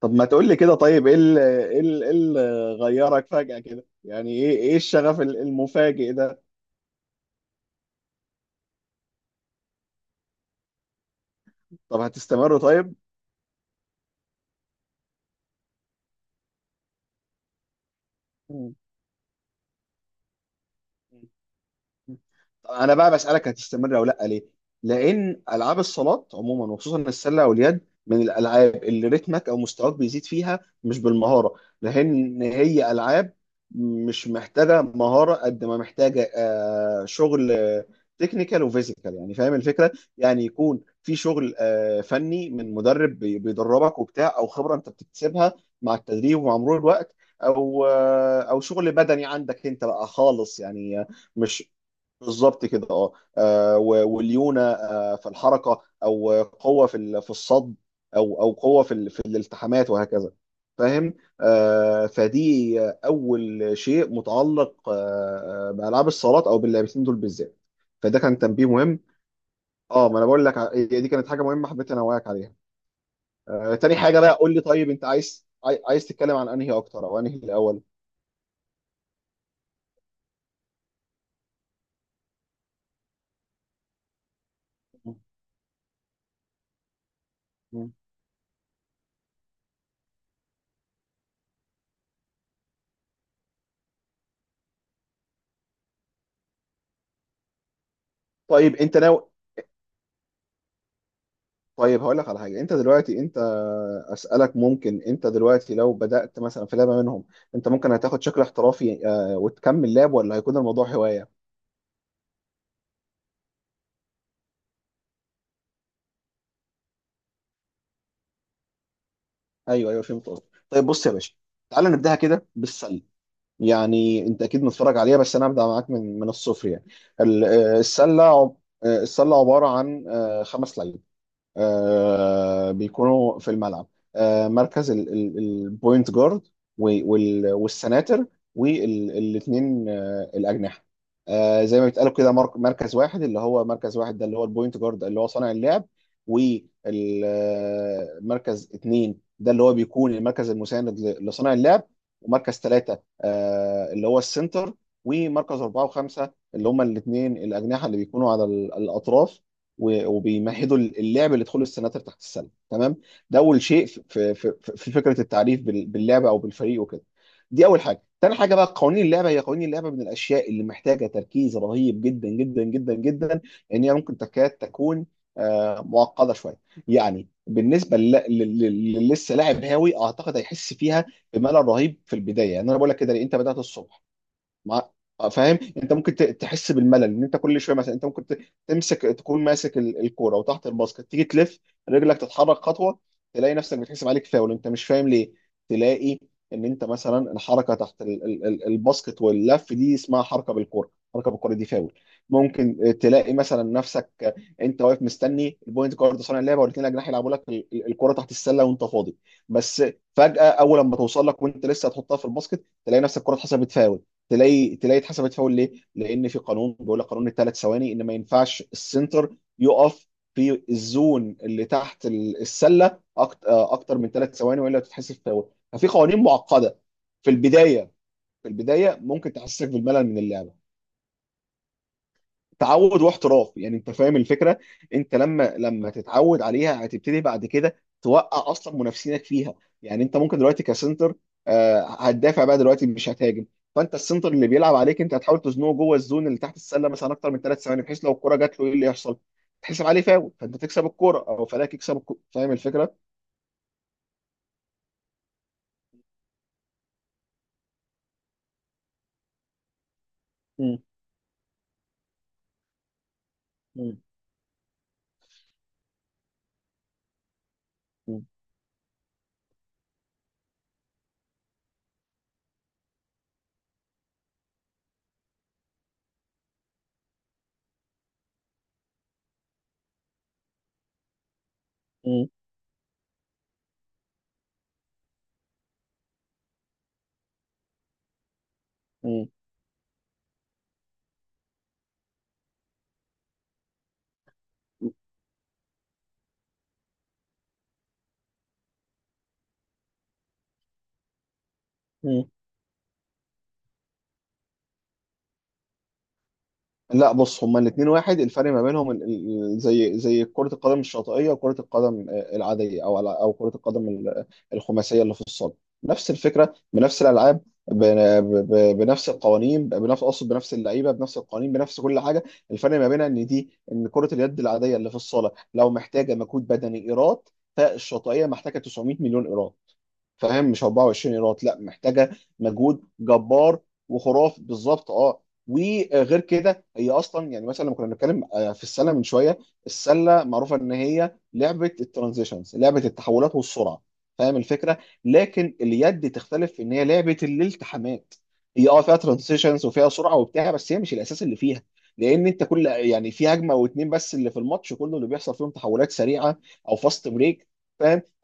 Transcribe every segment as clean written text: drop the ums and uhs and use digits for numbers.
طب ما تقول لي كده. طيب ايه اللي ايه اللي إيه اللي غيرك فجأة كده؟ يعني ايه الشغف المفاجئ ده؟ طب هتستمر طيب؟ مم. انا بقى بسالك هتستمر او لا ليه؟ لان العاب الصالات عموما وخصوصا السله واليد من الالعاب اللي رتمك او مستواك بيزيد فيها مش بالمهاره، لان هي العاب مش محتاجه مهاره قد ما محتاجه شغل تكنيكال وفيزيكال، يعني فاهم الفكره؟ يعني يكون في شغل فني من مدرب بيدربك وبتاع، او خبره انت بتكتسبها مع التدريب ومع مرور الوقت، او او شغل بدني عندك انت بقى خالص، يعني مش بالظبط كده اه. والليونه في الحركه، او قوه في في الصد، او قوه في في الالتحامات وهكذا، فاهم؟ فدي اول شيء متعلق بالعاب الصالات او باللاعبين دول بالذات، فده كان تنبيه مهم. اه، ما انا بقول لك دي كانت حاجه مهمه حبيت انوهك عليها. تاني حاجه بقى، قول لي طيب، انت عايز عايز تتكلم عن انهي اكتر، او انهي الاول؟ مم. طيب انت ناوي؟ طيب هقول لك على حاجه، انت دلوقتي انت اسالك، ممكن انت دلوقتي لو بدات مثلا في لعبه منهم، انت ممكن هتاخد شكل احترافي وتكمل لعب، ولا هيكون الموضوع هوايه؟ ايوه ايوه، فهمت قصدك. طيب بص يا باشا، تعال نبداها كده بالسله. يعني انت اكيد متفرج عليها، بس انا هبدا معاك من الصفر يعني. ال- آه، السله عب- السله عباره عن خمس لعيبه بيكونوا في الملعب: مركز البوينت جارد، والسناتر، والاثنين الاجنحه. زي ما بيتقالوا كده، مركز واحد، اللي هو مركز واحد ده اللي هو البوينت جارد اللي هو صانع اللعب، ومركز اثنين ده اللي هو بيكون المركز المساند لصانع اللعب، ومركز ثلاثة اللي هو السنتر، ومركز أربعة وخمسة اللي هما الاثنين الأجنحة اللي بيكونوا على الأطراف، وبيمهدوا اللعب لدخول السناتر تحت السلم، تمام. ده اول شيء في فكره التعريف باللعبه او بالفريق وكده، دي اول حاجه. تاني حاجه بقى، قوانين اللعبه، هي قوانين اللعبه من الاشياء اللي محتاجه تركيز رهيب جدا جدا جدا جدا، ان هي ممكن تكاد تكون معقده شويه. يعني بالنسبه للي لسه لاعب هاوي، اعتقد هيحس فيها بملل رهيب في البدايه. يعني انا بقول لك كده ليه؟ انت بدات الصبح، ما فاهم؟ انت ممكن تحس بالملل، ان انت كل شويه مثلا انت ممكن تمسك، تكون ماسك الكوره وتحت الباسكت، تيجي تلف رجلك، تتحرك خطوه، تلاقي نفسك بتحسب عليك فاول، انت مش فاهم ليه. تلاقي ان انت مثلا الحركه تحت الباسكت واللف دي اسمها حركه بالكوره، حركه بالكوره دي فاول. ممكن تلاقي مثلا نفسك انت واقف مستني البوينت جارد صانع اللعبه، والاثنين اجنحه يلعبوا لك الكوره تحت السله وانت فاضي، بس فجاه اول ما توصل لك وانت لسه هتحطها في الباسكت، تلاقي نفسك الكوره اتحسبت فاول. تلاقي اتحسبت فاول ليه؟ لان في قانون بيقول لك، قانون الثلاث ثواني، ان ما ينفعش السنتر يقف في الزون اللي تحت السله اكتر من ثلاث ثواني، والا تتحسب فاول. ففي قوانين معقده في البدايه، في البدايه ممكن تحسسك بالملل من اللعبه. تعود واحتراف يعني، انت فاهم الفكره. انت لما تتعود عليها هتبتدي بعد كده توقع اصلا منافسينك فيها. يعني انت ممكن دلوقتي كسنتر هتدافع بقى دلوقتي، مش هتهاجم، فانت السنتر اللي بيلعب عليك انت هتحاول تزنقه جوه الزون اللي تحت السله مثلا اكتر من ثلاث ثواني، بحيث لو الكره جات له ايه اللي يحصل؟ تحسب عليه فاول، فانت تكسب الكره او فلاك يكسب الكرة. فاهم الفكره؟ مم. مم. مم. مم. مم. لا بص، هما الاثنين واحد. الفرق ما بينهم زي كرة القدم الشاطئية وكرة القدم العادية، أو كرة القدم الخماسية اللي في الصالة، نفس الفكرة بنفس الألعاب، بنفس القوانين، بنفس، أقصد بنفس اللعيبة، بنفس القوانين، بنفس كل حاجة. الفرق ما بينها إن دي، إن كرة اليد العادية اللي في الصالة لو محتاجة مجهود بدني إيراد، فالشاطئية محتاجة 900 مليون إيراد، فاهم؟ مش 24 ايراد، لا، محتاجه مجهود جبار وخرافي، بالظبط اه. وغير كده هي اصلا يعني، مثلا لما كنا بنتكلم في السله من شويه، السله معروفه ان هي لعبه الترانزيشنز، لعبه التحولات والسرعه، فاهم الفكره. لكن اليد تختلف في ان هي لعبه الالتحامات. هي اه فيها ترانزيشنز وفيها سرعه وبتاع، بس هي مش الاساس اللي فيها، لان انت كل يعني في هجمه او اتنين بس اللي في الماتش كله اللي بيحصل فيهم تحولات سريعه او فاست بريك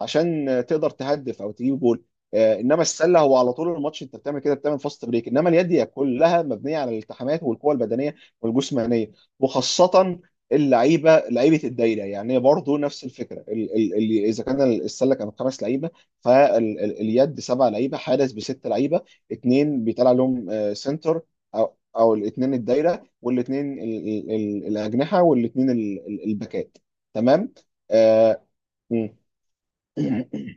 عشان تقدر تهدف او تجيب جول. انما السله هو على طول الماتش انت بتعمل كده، بتعمل فاست بريك. انما اليد هي كلها مبنيه على الالتحامات والقوه البدنيه والجسمانيه، وخاصه اللعيبه، لعيبه الدايره. يعني برضه نفس الفكره، ال ال ال اذا كان السله كانت خمس لعيبه، فاليد سبع لعيبه، حارس بست لعيبه، اثنين بيطلع لهم سنتر، او الاثنين الدايره، والاثنين الاجنحه، والاثنين الباكات، تمام. آه، مم.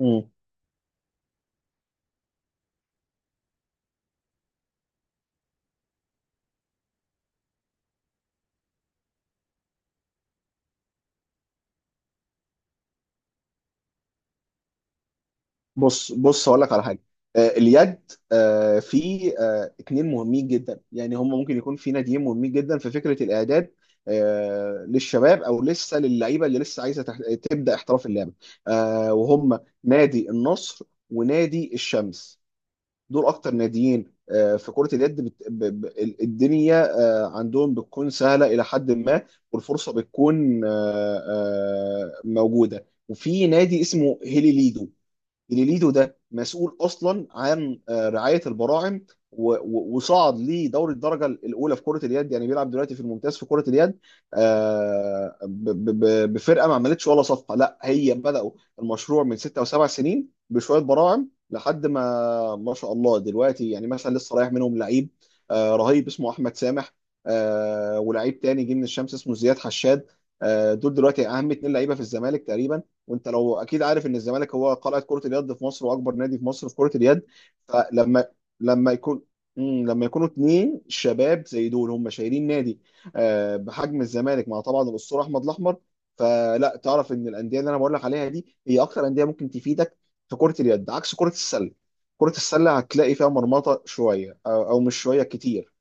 مم. بص بص، هقول لك على حاجه. اليد في اتنين مهمين جدا، يعني هم ممكن يكون في ناديين مهمين جدا في فكره الاعداد للشباب او لسه للعيبه اللي لسه عايزه تبدا احتراف اللعبه، وهم نادي النصر ونادي الشمس. دول اكتر ناديين في كره اليد الدنيا. عندهم بتكون سهله الى حد ما، والفرصه بتكون موجوده. وفي نادي اسمه هيلي ليدو، جليليدو ده مسؤول اصلا عن رعايه البراعم، وصعد لدوري الدرجه الاولى في كره اليد، يعني بيلعب دلوقتي في الممتاز في كره اليد بفرقه ما عملتش ولا صفقه. لا، هي بداوا المشروع من ستة او سبع سنين بشويه براعم، لحد ما ما شاء الله دلوقتي، يعني مثلا لسه رايح منهم لعيب رهيب اسمه احمد سامح، ولعيب تاني جه من الشمس اسمه زياد حشاد. دول دلوقتي اهم اتنين لعيبه في الزمالك تقريبا، وانت لو اكيد عارف ان الزمالك هو قلعه كره اليد في مصر واكبر نادي في مصر في كره اليد. فلما لما يكون، لما يكونوا اتنين شباب زي دول هم شايلين نادي بحجم الزمالك مع طبعا الاسطوره احمد الاحمر، فلا تعرف ان الانديه اللي انا بقول لك عليها دي هي اكتر انديه ممكن تفيدك في كره اليد، عكس كره السله. كره السله هتلاقي فيها مرمطه شويه، او مش شويه، كتير،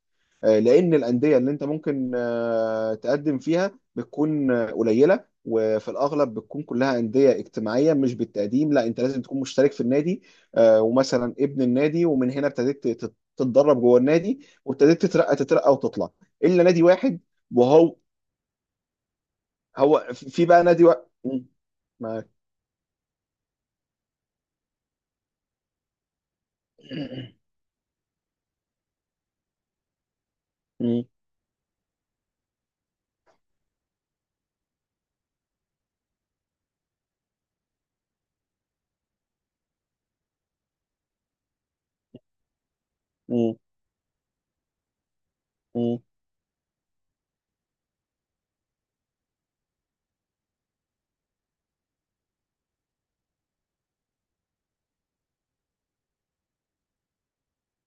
لان الانديه اللي انت ممكن تقدم فيها بتكون قليله، وفي الاغلب بتكون كلها انديه اجتماعيه مش بالتقديم، لا انت لازم تكون مشترك في النادي ومثلا ابن النادي، ومن هنا ابتديت تتدرب جوه النادي، وابتديت تترقى تترقى وتطلع، الا نادي واحد. وهو في بقى نادي واحد.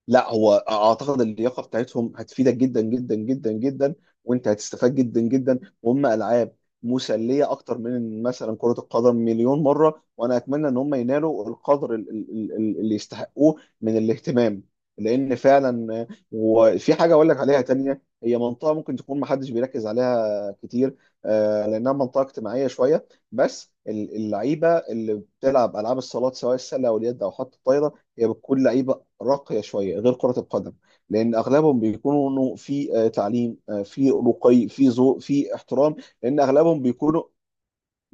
لا هو اعتقد اللياقه بتاعتهم هتفيدك جدا جدا جدا جدا، وانت هتستفاد جدا جدا، وهم العاب مسليه اكتر من مثلا كره القدم مليون مره. وانا اتمنى ان هم ينالوا القدر اللي يستحقوه من الاهتمام، لان فعلا وفي حاجه اقول لك عليها تانية، هي منطقه ممكن تكون محدش بيركز عليها كتير لانها منطقه اجتماعيه شويه. بس اللعيبه اللي بتلعب العاب الصالات سواء السله او اليد او حتى الطايره هي بتكون لعيبه راقية شوية غير كرة القدم، لأن أغلبهم بيكونوا في تعليم، في رقي، في ذوق، في احترام. لأن أغلبهم بيكونوا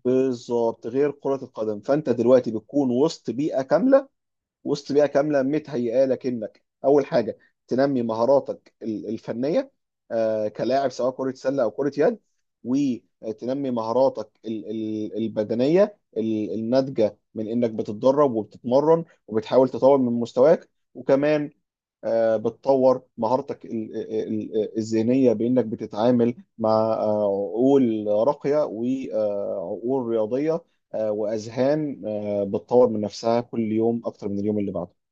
بالظبط، غير كرة القدم. فأنت دلوقتي بتكون وسط بيئة كاملة، متهيئة لك إنك أول حاجة تنمي مهاراتك الفنية كلاعب، سواء كرة سلة أو كرة يد، وتنمي مهاراتك البدنية الناتجة من إنك بتتدرب وبتتمرن وبتحاول تطور من مستواك. وكمان بتطور مهارتك الذهنية بإنك بتتعامل مع عقول راقية وعقول رياضية، وأذهان بتطور من نفسها كل يوم أكتر من اليوم اللي بعده.